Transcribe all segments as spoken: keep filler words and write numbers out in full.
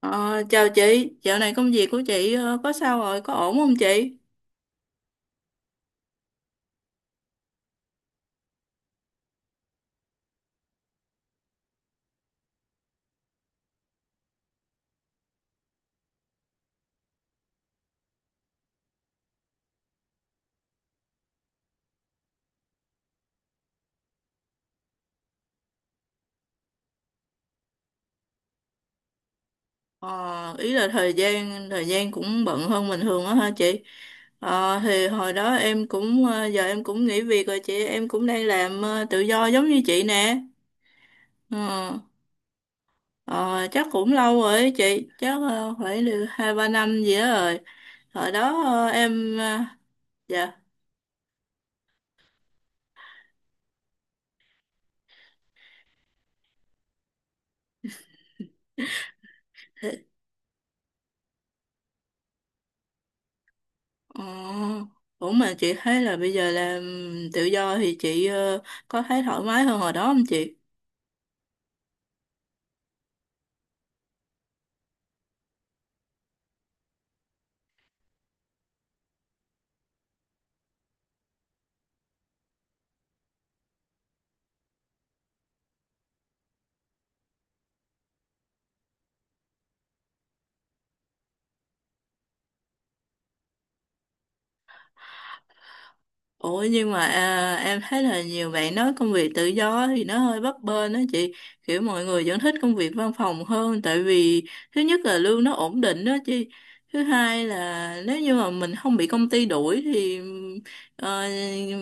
Ờ, Chào chị, dạo này công việc của chị ờ, có sao rồi, có ổn không chị? Ờ, Ý là thời gian thời gian cũng bận hơn bình thường á hả chị? Ờ, thì hồi đó em cũng ờ, giờ em cũng nghỉ việc rồi chị, em cũng đang làm ờ, tự do giống như chị nè. Ờ, ờ, Chắc cũng lâu rồi ấy chị, chắc ờ, phải được hai ba năm gì đó rồi. Hồi đó ờ, em ờ, dạ thế- ờ, ủa mà chị thấy là bây giờ làm tự do thì chị ờ, có thấy thoải mái hơn hồi đó không chị? Ủa nhưng mà à, em thấy là nhiều bạn nói công việc tự do thì nó hơi bấp bênh đó chị, kiểu mọi người vẫn thích công việc văn phòng hơn. Tại vì thứ nhất là lương nó ổn định đó chị, thứ hai là nếu như mà mình không bị công ty đuổi thì ờ,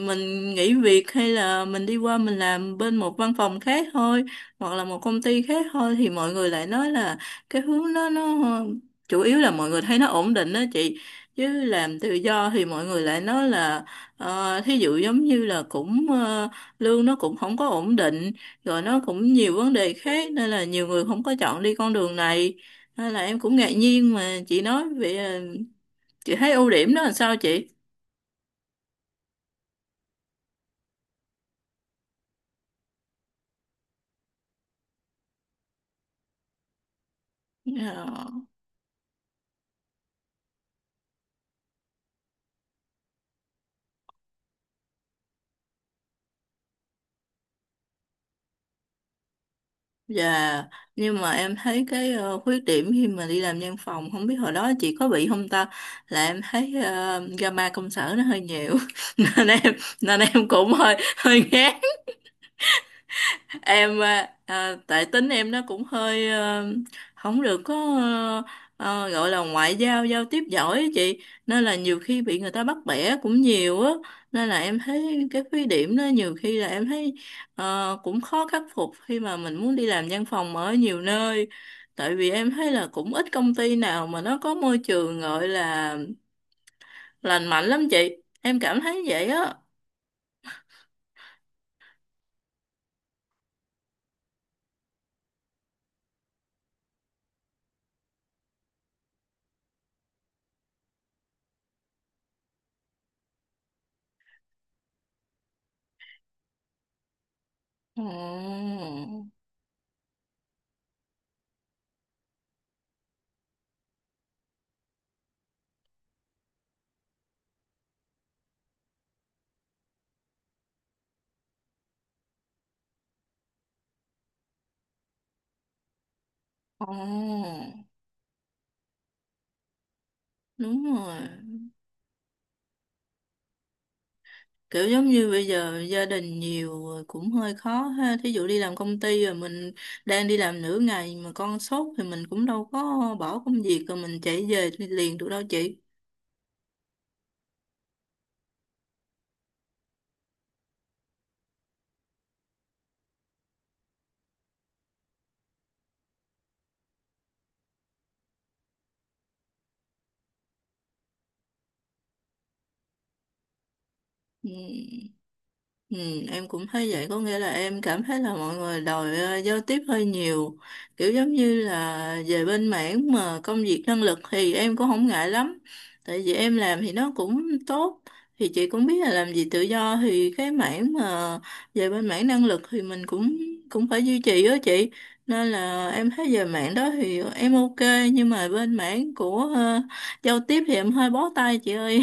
mình nghỉ việc hay là mình đi qua mình làm bên một văn phòng khác thôi, hoặc là một công ty khác thôi, thì mọi người lại nói là cái hướng đó nó chủ yếu là mọi người thấy nó ổn định đó chị. Chứ làm tự do thì mọi người lại nói là Ờ, thí dụ giống như là cũng ờ, lương nó cũng không có ổn định, rồi nó cũng nhiều vấn đề khác, nên là nhiều người không có chọn đi con đường này. Nên là em cũng ngạc nhiên mà chị nói vậy. ờ, chị thấy ưu điểm đó là sao chị? Ờ, dạ, nhưng mà em thấy cái ờ, khuyết điểm khi mà đi làm văn phòng, không biết hồi đó chị có bị không ta, là em thấy ờ, drama công sở nó hơi nhiều nên em, nên em cũng hơi hơi ghét. Em à, à, tại tính em nó cũng hơi ờ, không được có ờ, ờ, gọi là ngoại giao giao tiếp giỏi á chị, nên là nhiều khi bị người ta bắt bẻ cũng nhiều á. Nên là em thấy cái khuyết điểm đó nhiều khi là em thấy ờ, cũng khó khắc phục khi mà mình muốn đi làm văn phòng ở nhiều nơi. Tại vì em thấy là cũng ít công ty nào mà nó có môi trường gọi là lành mạnh lắm chị, em cảm thấy vậy á. Ồ, ồ, đúng rồi, kiểu giống như bây giờ gia đình nhiều rồi cũng hơi khó ha, thí dụ đi làm công ty rồi mình đang đi làm nửa ngày mà con sốt thì mình cũng đâu có bỏ công việc rồi mình chạy về liền được đâu chị. Ừ. Ừ, em cũng thấy vậy, có nghĩa là em cảm thấy là mọi người đòi ờ, giao tiếp hơi nhiều. Kiểu giống như là về bên mảng mà công việc năng lực thì em cũng không ngại lắm, tại vì em làm thì nó cũng tốt. Thì chị cũng biết là làm gì tự do thì cái mảng mà về bên mảng năng lực thì mình cũng cũng phải duy trì đó chị. Nên là em thấy về mảng đó thì em ok, nhưng mà bên mảng của ờ, giao tiếp thì em hơi bó tay chị ơi.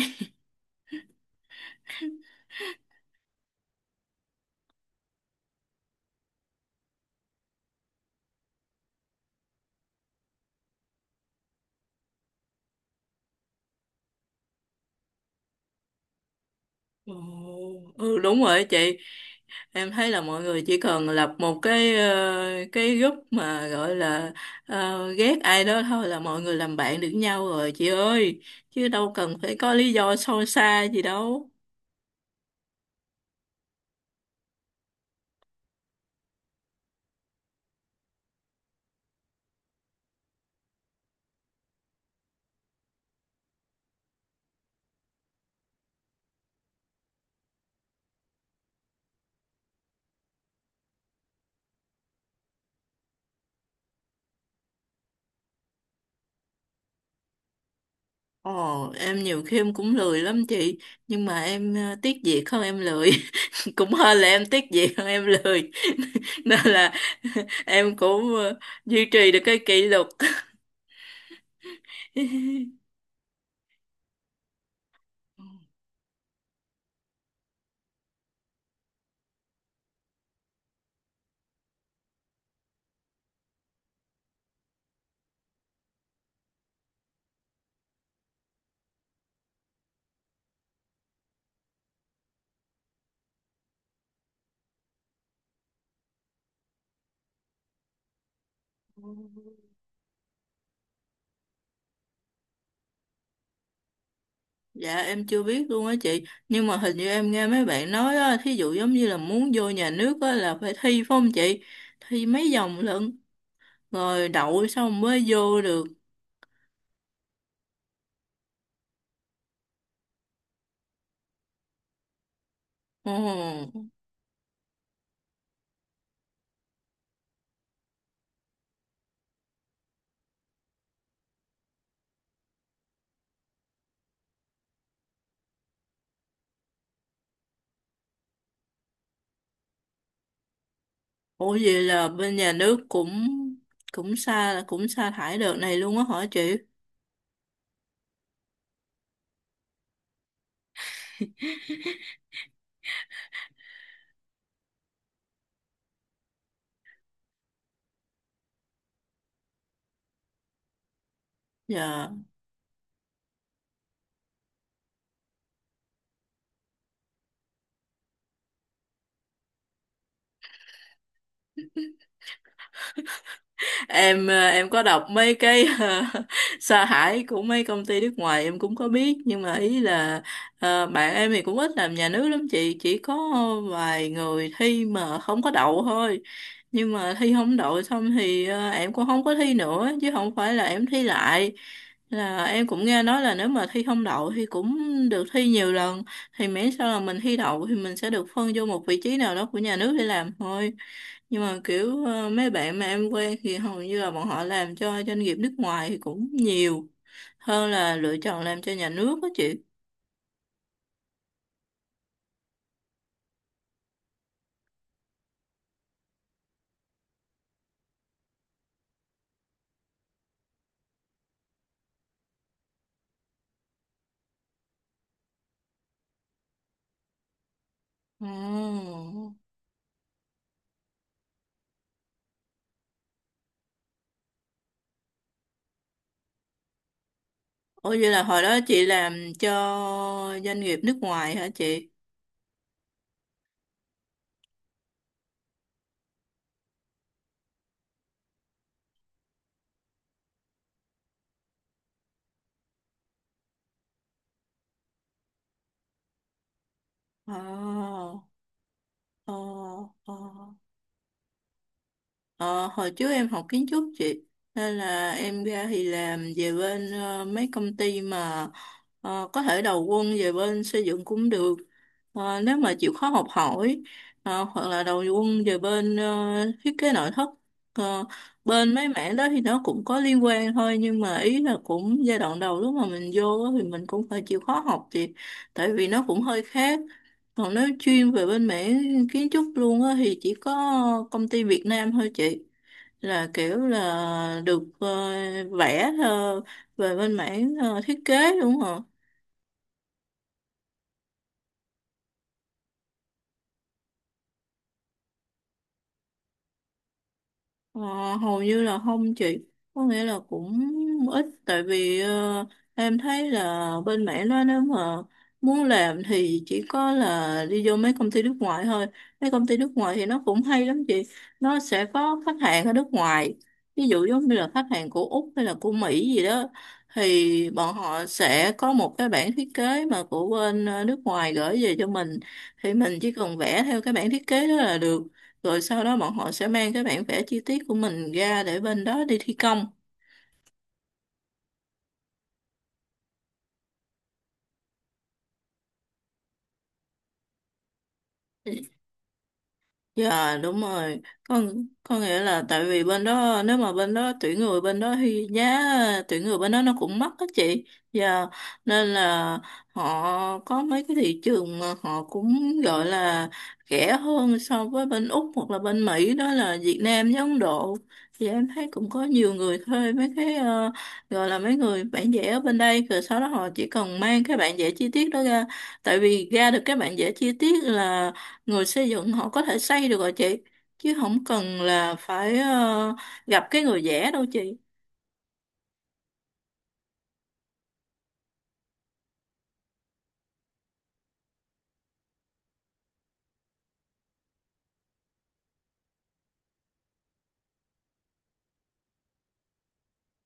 Ồ, ừ đúng rồi chị, em thấy là mọi người chỉ cần lập một cái ờ, cái group mà gọi là ờ, ghét ai đó thôi là mọi người làm bạn được nhau rồi chị ơi, chứ đâu cần phải có lý do sâu xa gì đâu. Ồ em nhiều khi em cũng lười lắm chị, nhưng mà em ờ, tiếc việc hơn em lười cũng hơn là em tiếc việc hơn em lười. Nên là em cũng ờ, duy trì được cái kỷ luật. Dạ em chưa biết luôn á chị. Nhưng mà hình như em nghe mấy bạn nói á, thí dụ giống như là muốn vô nhà nước á là phải thi phải không chị? Thi mấy vòng lận, rồi đậu xong mới vô được. Ồ, ủa vậy là bên nhà nước cũng Cũng xa cũng sa thải đợt này luôn á hả chị? Dạ em ờ, em có đọc mấy cái ờ, sa thải của mấy công ty nước ngoài em cũng có biết, nhưng mà ý là ờ, bạn em thì cũng ít làm nhà nước lắm chị, chỉ có vài người thi mà không có đậu thôi. Nhưng mà thi không đậu xong thì ờ, em cũng không có thi nữa, chứ không phải là em thi lại. Là em cũng nghe nói là nếu mà thi không đậu thì cũng được thi nhiều lần, thì miễn sao là mình thi đậu thì mình sẽ được phân vô một vị trí nào đó của nhà nước để làm thôi. Nhưng mà kiểu ờ, mấy bạn mà em quen thì hầu như là bọn họ làm cho doanh nghiệp nước ngoài thì cũng nhiều hơn là lựa chọn làm cho nhà nước đó chị. Ồ, ủa vậy là hồi đó chị làm cho doanh nghiệp nước ngoài hả chị? Ồ, ồ, ồ. Ờ, Hồi trước em học kiến trúc chị, nên là em ra thì làm về bên ờ, mấy công ty mà ờ, có thể đầu quân về bên xây dựng cũng được. Ờ, nếu mà chịu khó học hỏi, ờ, hoặc là đầu quân về bên ờ, thiết kế nội thất. Ờ, Bên mấy mảng đó thì nó cũng có liên quan thôi, nhưng mà ý là cũng giai đoạn đầu lúc mà mình vô á thì mình cũng phải chịu khó học chị, tại vì nó cũng hơi khác. Còn nếu chuyên về bên mảng kiến trúc luôn á thì chỉ có công ty Việt Nam thôi chị, là kiểu là được ờ, vẽ ờ, về bên mảng ờ, thiết kế đúng không? Ờ, Hầu như là không chị, có nghĩa là cũng ít. Tại vì ờ, em thấy là bên mẹ nó nếu mà muốn làm thì chỉ có là đi vô mấy công ty nước ngoài thôi. Mấy công ty nước ngoài thì nó cũng hay lắm chị, nó sẽ có khách hàng ở nước ngoài, ví dụ giống như là khách hàng của Úc hay là của Mỹ gì đó. Thì bọn họ sẽ có một cái bản thiết kế mà của bên ờ, nước ngoài gửi về cho mình, thì mình chỉ cần vẽ theo cái bản thiết kế đó là được. Rồi sau đó bọn họ sẽ mang cái bản vẽ chi tiết của mình ra để bên đó đi thi công. Dạ đúng rồi, con có nghĩa là tại vì bên đó nếu mà bên đó tuyển người bên đó thì giá tuyển người bên đó nó cũng mắc á chị. Dạ, nên là họ có mấy cái thị trường mà họ cũng gọi là rẻ hơn so với bên Úc hoặc là bên Mỹ, đó là Việt Nam với Ấn Độ. Thì em thấy cũng có nhiều người thuê mấy cái ờ, gọi là mấy người bản vẽ ở bên đây, rồi sau đó họ chỉ cần mang cái bản vẽ chi tiết đó ra. Tại vì ra được cái bản vẽ chi tiết là người xây dựng họ có thể xây được rồi chị, chứ không cần là phải ờ, gặp cái người vẽ đâu chị.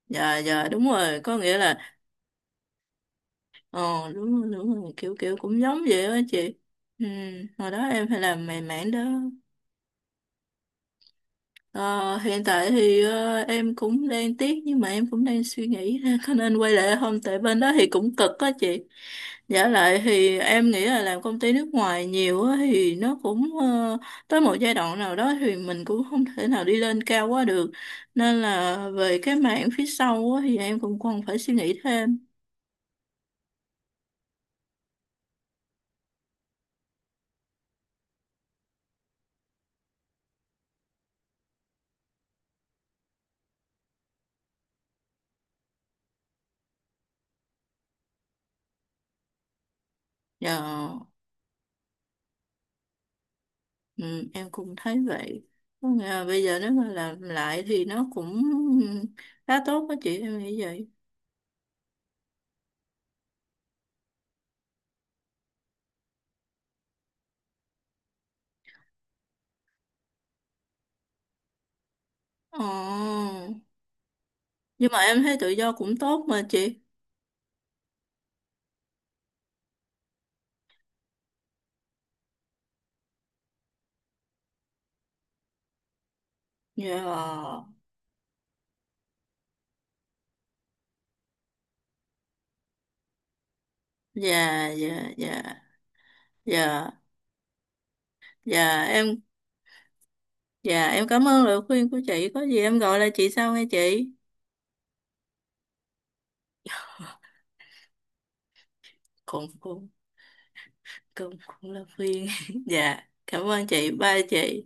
Dạ dạ đúng rồi, có nghĩa là ờ đúng rồi, đúng rồi, kiểu kiểu cũng giống vậy đó chị. Ừ, hồi đó em phải làm mày mảng đó. Ờ, Hiện tại thì ờ, em cũng đang tiếc, nhưng mà em cũng đang suy nghĩ ha, có nên quay lại không, tại bên đó thì cũng cực á chị. Giả lại thì em nghĩ là làm công ty nước ngoài nhiều á, thì nó cũng ờ, tới một giai đoạn nào đó thì mình cũng không thể nào đi lên cao quá được. Nên là về cái mảng phía sau á, thì em cũng còn phải suy nghĩ thêm. Dạ, ừ, em cũng thấy vậy. Có nghĩa là bây giờ nếu mà làm lại thì nó cũng khá tốt á chị, em nghĩ vậy. Ồ nhưng mà em thấy tự do cũng tốt mà chị. Dạ, dạ, dạ, dạ, dạ, dạ em, dạ em cảm ơn lời khuyên của chị, có gì em gọi lại chị sau nghe chị. Cũng cũng cũng cũng là khuyên. Dạ cảm ơn chị, bye chị.